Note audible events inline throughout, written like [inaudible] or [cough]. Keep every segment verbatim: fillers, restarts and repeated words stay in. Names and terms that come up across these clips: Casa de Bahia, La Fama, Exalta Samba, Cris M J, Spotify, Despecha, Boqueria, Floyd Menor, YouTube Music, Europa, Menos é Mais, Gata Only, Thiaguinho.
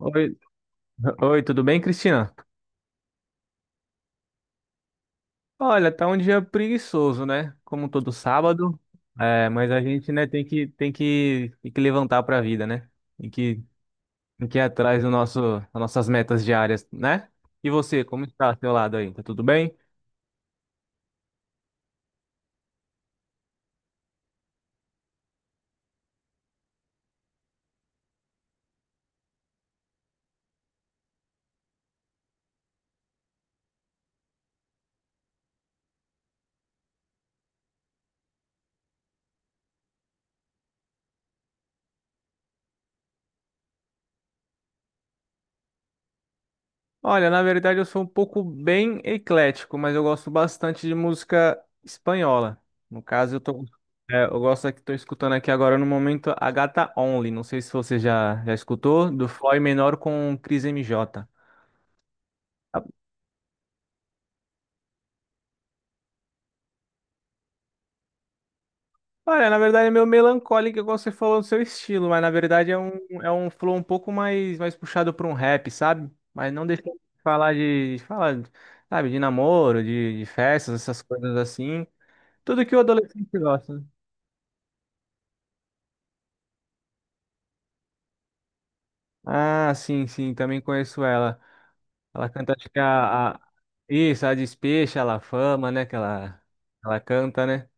Oi, oi, tudo bem, Cristina? Olha, tá um dia preguiçoso, né? Como todo sábado. É, mas a gente, né, tem que tem que, tem que levantar pra vida, né? Tem que tem que ir atrás do nosso das nossas metas diárias, né? E você, como está ao seu lado aí? Tá tudo bem? Olha, na verdade eu sou um pouco bem eclético, mas eu gosto bastante de música espanhola. No caso, eu tô, é, eu gosto aqui, tô escutando aqui agora no momento a Gata Only. Não sei se você já, já escutou, do Floyd Menor com Cris M J. Olha, na verdade é meio melancólico, igual você falou do seu estilo, mas na verdade é um, é um, flow um pouco mais, mais puxado para um rap, sabe? Mas não deixa de falar de, de falar, sabe, de namoro, de, de festas, essas coisas assim. Tudo que o adolescente gosta, né? Ah, sim, sim, também conheço ela. Ela canta, acho que a, a... Isso, a Despecha, a La Fama, né? Que ela, ela canta, né?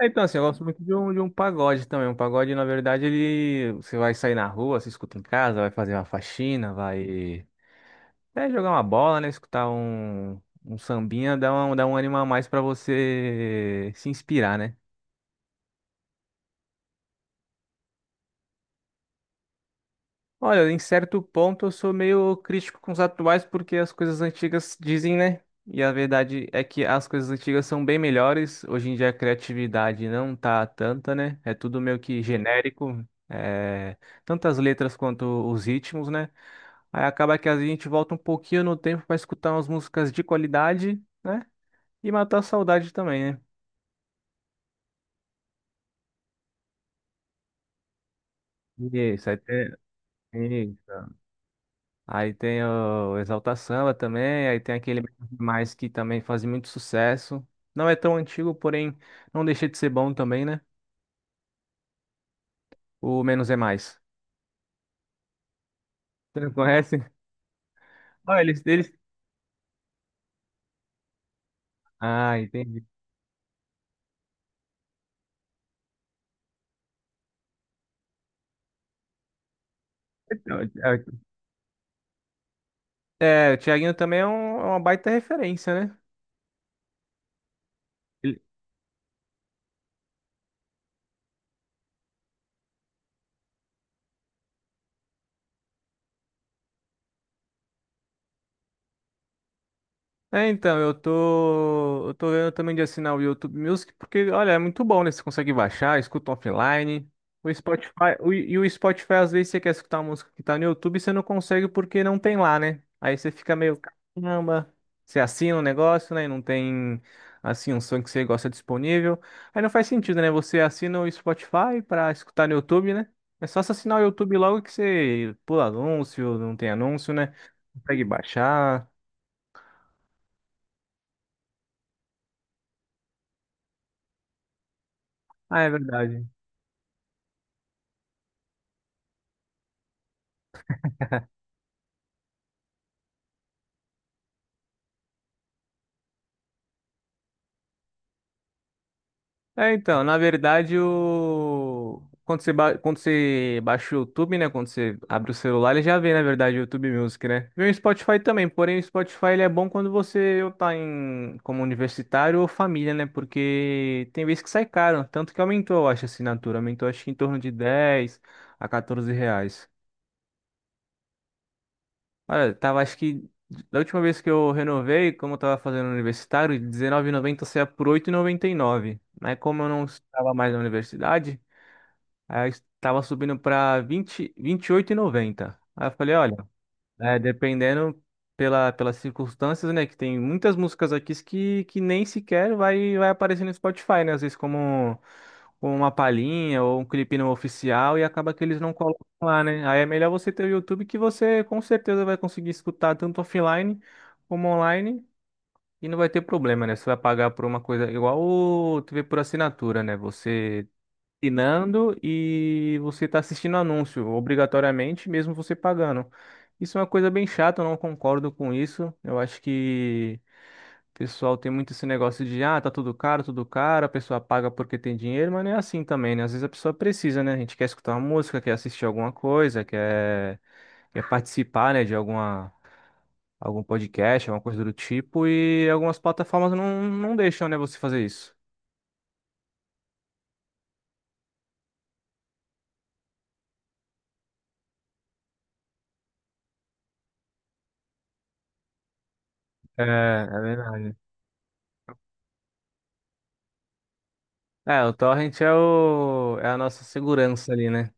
É, então, assim, eu gosto muito de um, de um pagode também. Um pagode, na verdade, ele. Você vai sair na rua, você escuta em casa, vai fazer uma faxina, vai. É, jogar uma bola, né? Escutar um, um sambinha, dá um, dá um ânimo a mais pra você se inspirar, né? Olha, em certo ponto eu sou meio crítico com os atuais porque as coisas antigas dizem, né? E a verdade é que as coisas antigas são bem melhores. Hoje em dia a criatividade não tá tanta, né? É tudo meio que genérico, é, tanto as letras quanto os ritmos, né? Aí acaba que a gente volta um pouquinho no tempo para escutar umas músicas de qualidade, né? E matar a saudade também, né? Isso, aí tem- isso. Aí tem o Exalta Samba também, aí tem aquele mais que também faz muito sucesso. Não é tão antigo, porém não deixa de ser bom também, né? O Menos é Mais. [laughs] Você não conhece? Ah, eles, eles... Ah, entendi. Então, é, o Thiaguinho também é, um- é uma baita referência, né? É, então, eu tô, eu tô vendo também de assinar o YouTube Music, porque, olha, é muito bom, né? Você consegue baixar, escuta offline. O Spotify, o- e o Spotify, às vezes, você quer escutar uma música que tá no YouTube e você não consegue porque não tem lá, né? Aí você fica meio, caramba, você assina o negócio, né? E não tem, assim, um som que você gosta disponível. Aí não faz sentido, né? Você assina o Spotify pra escutar no YouTube, né? É só você assinar o YouTube logo que você pula anúncio, não tem anúncio, né? Consegue baixar. Ah, é verdade. É, então, na verdade, o... quando você, ba- quando você baixa o YouTube, né? Quando você abre o celular, ele já vê, na verdade, o YouTube Music, né? E o Spotify também, porém o Spotify ele é bom quando você ou tá em, como universitário ou família, né? Porque tem vezes que sai caro, tanto que aumentou, eu acho, a assinatura. Aumentou, acho que em torno de dez a quatorze reais. Olha, tava, acho que da última vez que eu renovei, como eu tava fazendo universitário, R dezenove e R dezenove e noventa saía por oito e e noventa e nove. Mas como eu não estava mais na universidade. Aí estava subindo para vinte vinte e oito e noventa. Aí eu falei, olha, é, dependendo pela, pelas circunstâncias, né? Que tem muitas músicas aqui que, que nem sequer vai, vai aparecer no Spotify, né? Às vezes como, como uma palhinha ou um clipe não oficial e acaba que eles não colocam lá, né? Aí é melhor você ter o YouTube que você com certeza vai conseguir escutar tanto offline como online. E não vai ter problema, né? Você vai pagar por uma coisa igual o T V por assinatura, né? Você assinando e você está assistindo anúncio, obrigatoriamente, mesmo você pagando. Isso é uma coisa bem chata, eu não concordo com isso. Eu acho que o pessoal tem muito esse negócio de, ah, tá tudo caro, tudo caro, a pessoa paga porque tem dinheiro, mas não é assim também, né? Às vezes a pessoa precisa, né? A gente quer escutar uma música, quer assistir alguma coisa, quer, quer participar, né, de alguma. Algum podcast, alguma coisa do tipo, e algumas plataformas não, não deixam, né, você fazer isso. É, é verdade. É, o torrent é, o, é a nossa segurança ali, né?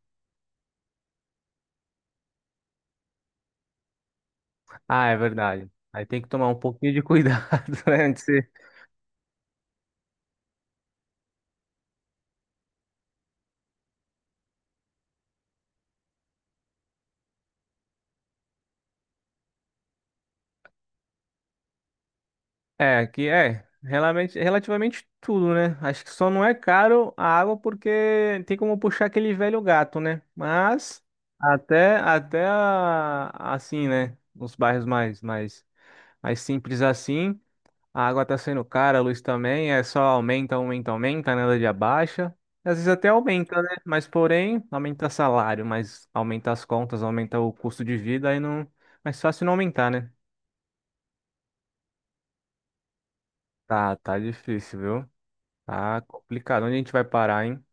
Ah, é verdade. Aí tem que tomar um pouquinho de cuidado, [laughs] né? Antes de. É, que é relativamente, relativamente tudo, né? Acho que só não é caro a água porque tem como puxar aquele velho gato, né? Mas até, até a- assim, né? Nos bairros mais, mais, mais simples assim. A água tá sendo cara, a luz também, é só aumenta, aumenta, aumenta, nada de abaixa. Às vezes até aumenta, né? Mas porém, aumenta salário, mas aumenta as contas, aumenta o custo de vida, aí não. Mais fácil não aumentar, né? Tá, tá difícil, viu? Tá complicado. Onde a gente vai parar, hein?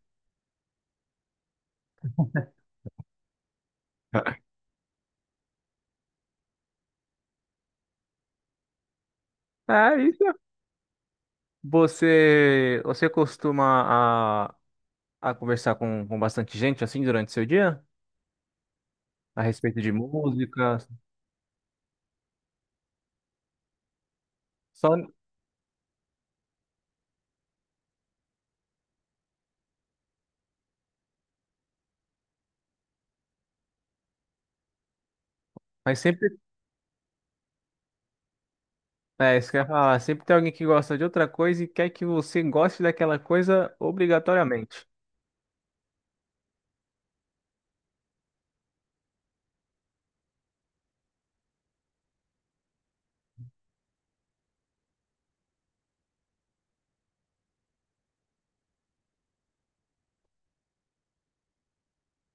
[laughs] É isso. Você, você costuma a, a, conversar com, com bastante gente assim durante seu dia? A respeito de música? Só, mas sempre. É, isso que eu ia falar. Sempre tem alguém que gosta de outra coisa e quer que você goste daquela coisa obrigatoriamente.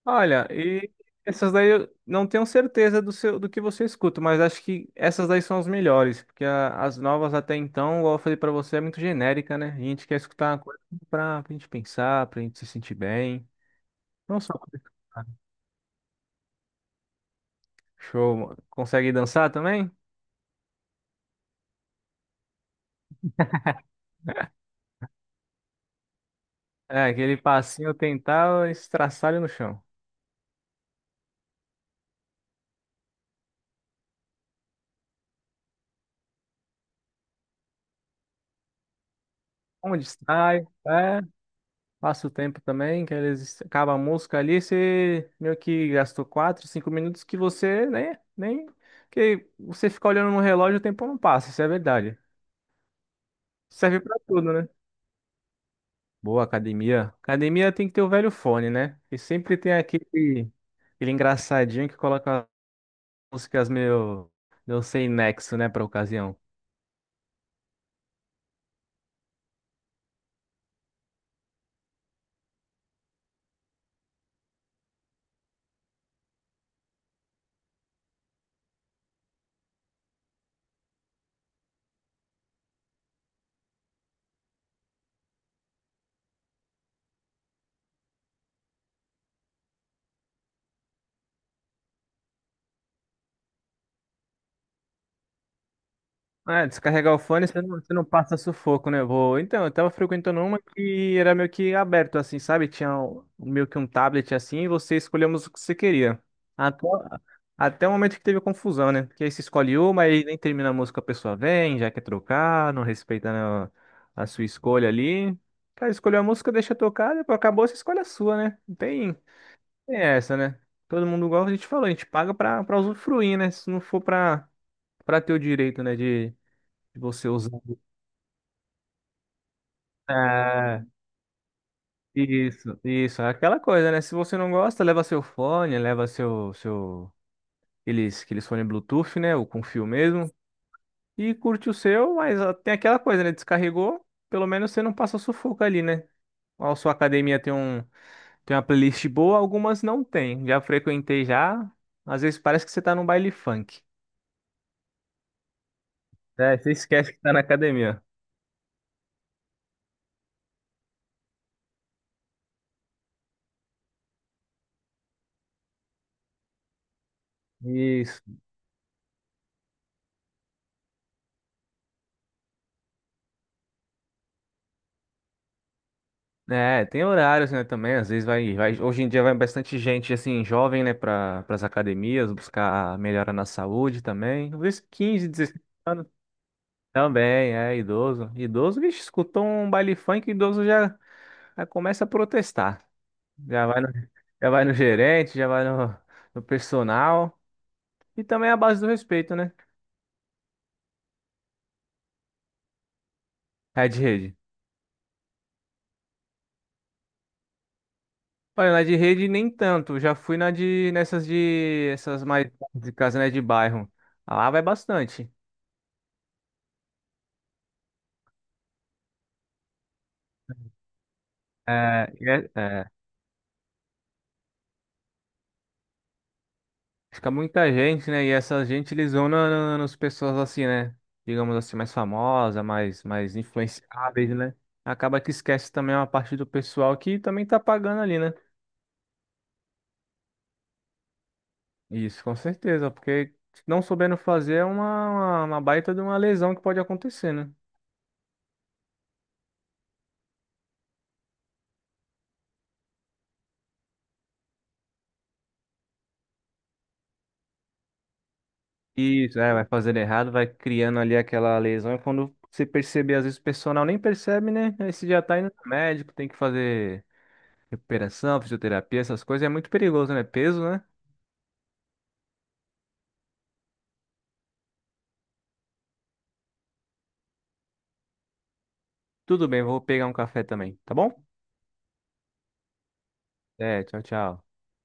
Olha, e essas daí eu não tenho certeza do seu, do que você escuta, mas acho que essas daí são as melhores, porque a- as novas até então, igual eu falei pra você, é muito genérica, né? A gente quer escutar uma coisa pra, pra gente pensar, pra gente se sentir bem. Não só pra escutar. Show, mano. Consegue dançar também? É, aquele passinho tentar estraçalho no chão. Onde sai? É. Passa o tempo também, que eles acabam a música ali, você meio que gastou quatro cinco minutos que você nem, nem que você fica olhando no relógio, o tempo não passa, isso é verdade. Serve pra tudo, né? Boa academia. Academia tem que ter o velho fone, né? E sempre tem aquele, aquele engraçadinho que coloca músicas meio, não sei nexo, né, pra ocasião. Ah, descarregar o fone, você não, você não passa sufoco, né? Vou. Então, eu tava frequentando uma que era meio que aberto, assim, sabe? Tinha um- meio que um tablet, assim, e você escolhia a música que você queria. Até, até o momento que teve confusão, né? Porque aí você escolhe uma e nem termina a música, a pessoa vem, já quer trocar, não respeita, né, a sua escolha ali. Cara, escolheu a música, deixa tocar, depois acabou, você escolhe a sua, né? Não tem, tem essa, né? Todo mundo, igual a gente falou, a gente paga pra, pra usufruir, né? Se não for pra, pra ter o direito, né, de se você usando. É, isso, isso. É aquela coisa, né? Se você não gosta, leva seu fone, leva seu, seu, aqueles, aqueles fone Bluetooth, né? Ou com fio mesmo. E curte o seu, mas ó, tem aquela coisa, né? Descarregou, pelo menos você não passa sufoco ali, né? A sua academia tem um, tem uma playlist boa, algumas não tem. Já frequentei já. Às vezes parece que você tá num baile funk. É, você esquece que tá na academia. Isso. É, tem horários, né, também, às vezes vai, vai, hoje em dia vai bastante gente, assim, jovem, né, para as academias, buscar melhora na saúde também, às vezes quinze dezesseis anos também, é, idoso, idoso, vixe, escutou um baile funk, idoso já, já começa a protestar, já vai no, já vai no gerente, já vai no, no personal, e também a base do respeito, né, é de rede. Olha, na de rede nem tanto, já fui na de, nessas de, essas mais de casa, né, de bairro, lá vai bastante. É, e é, é, fica muita gente, né? E essa gente eles vão na, na- nas pessoas assim, né? Digamos assim, mais famosa, mais, mais influenciáveis, né? Acaba que esquece também uma parte do pessoal que também tá pagando ali, né? Isso, com certeza, porque não soubendo fazer é uma, uma, uma baita de uma lesão que pode acontecer, né? Isso, é, vai fazendo errado, vai criando ali aquela lesão, e quando você perceber, às vezes o pessoal nem percebe, né? Aí você já tá indo no médico, tem que fazer recuperação, fisioterapia, essas coisas é muito perigoso, né? Peso, né? Tudo bem, vou pegar um café também, tá bom? É, tchau, tchau.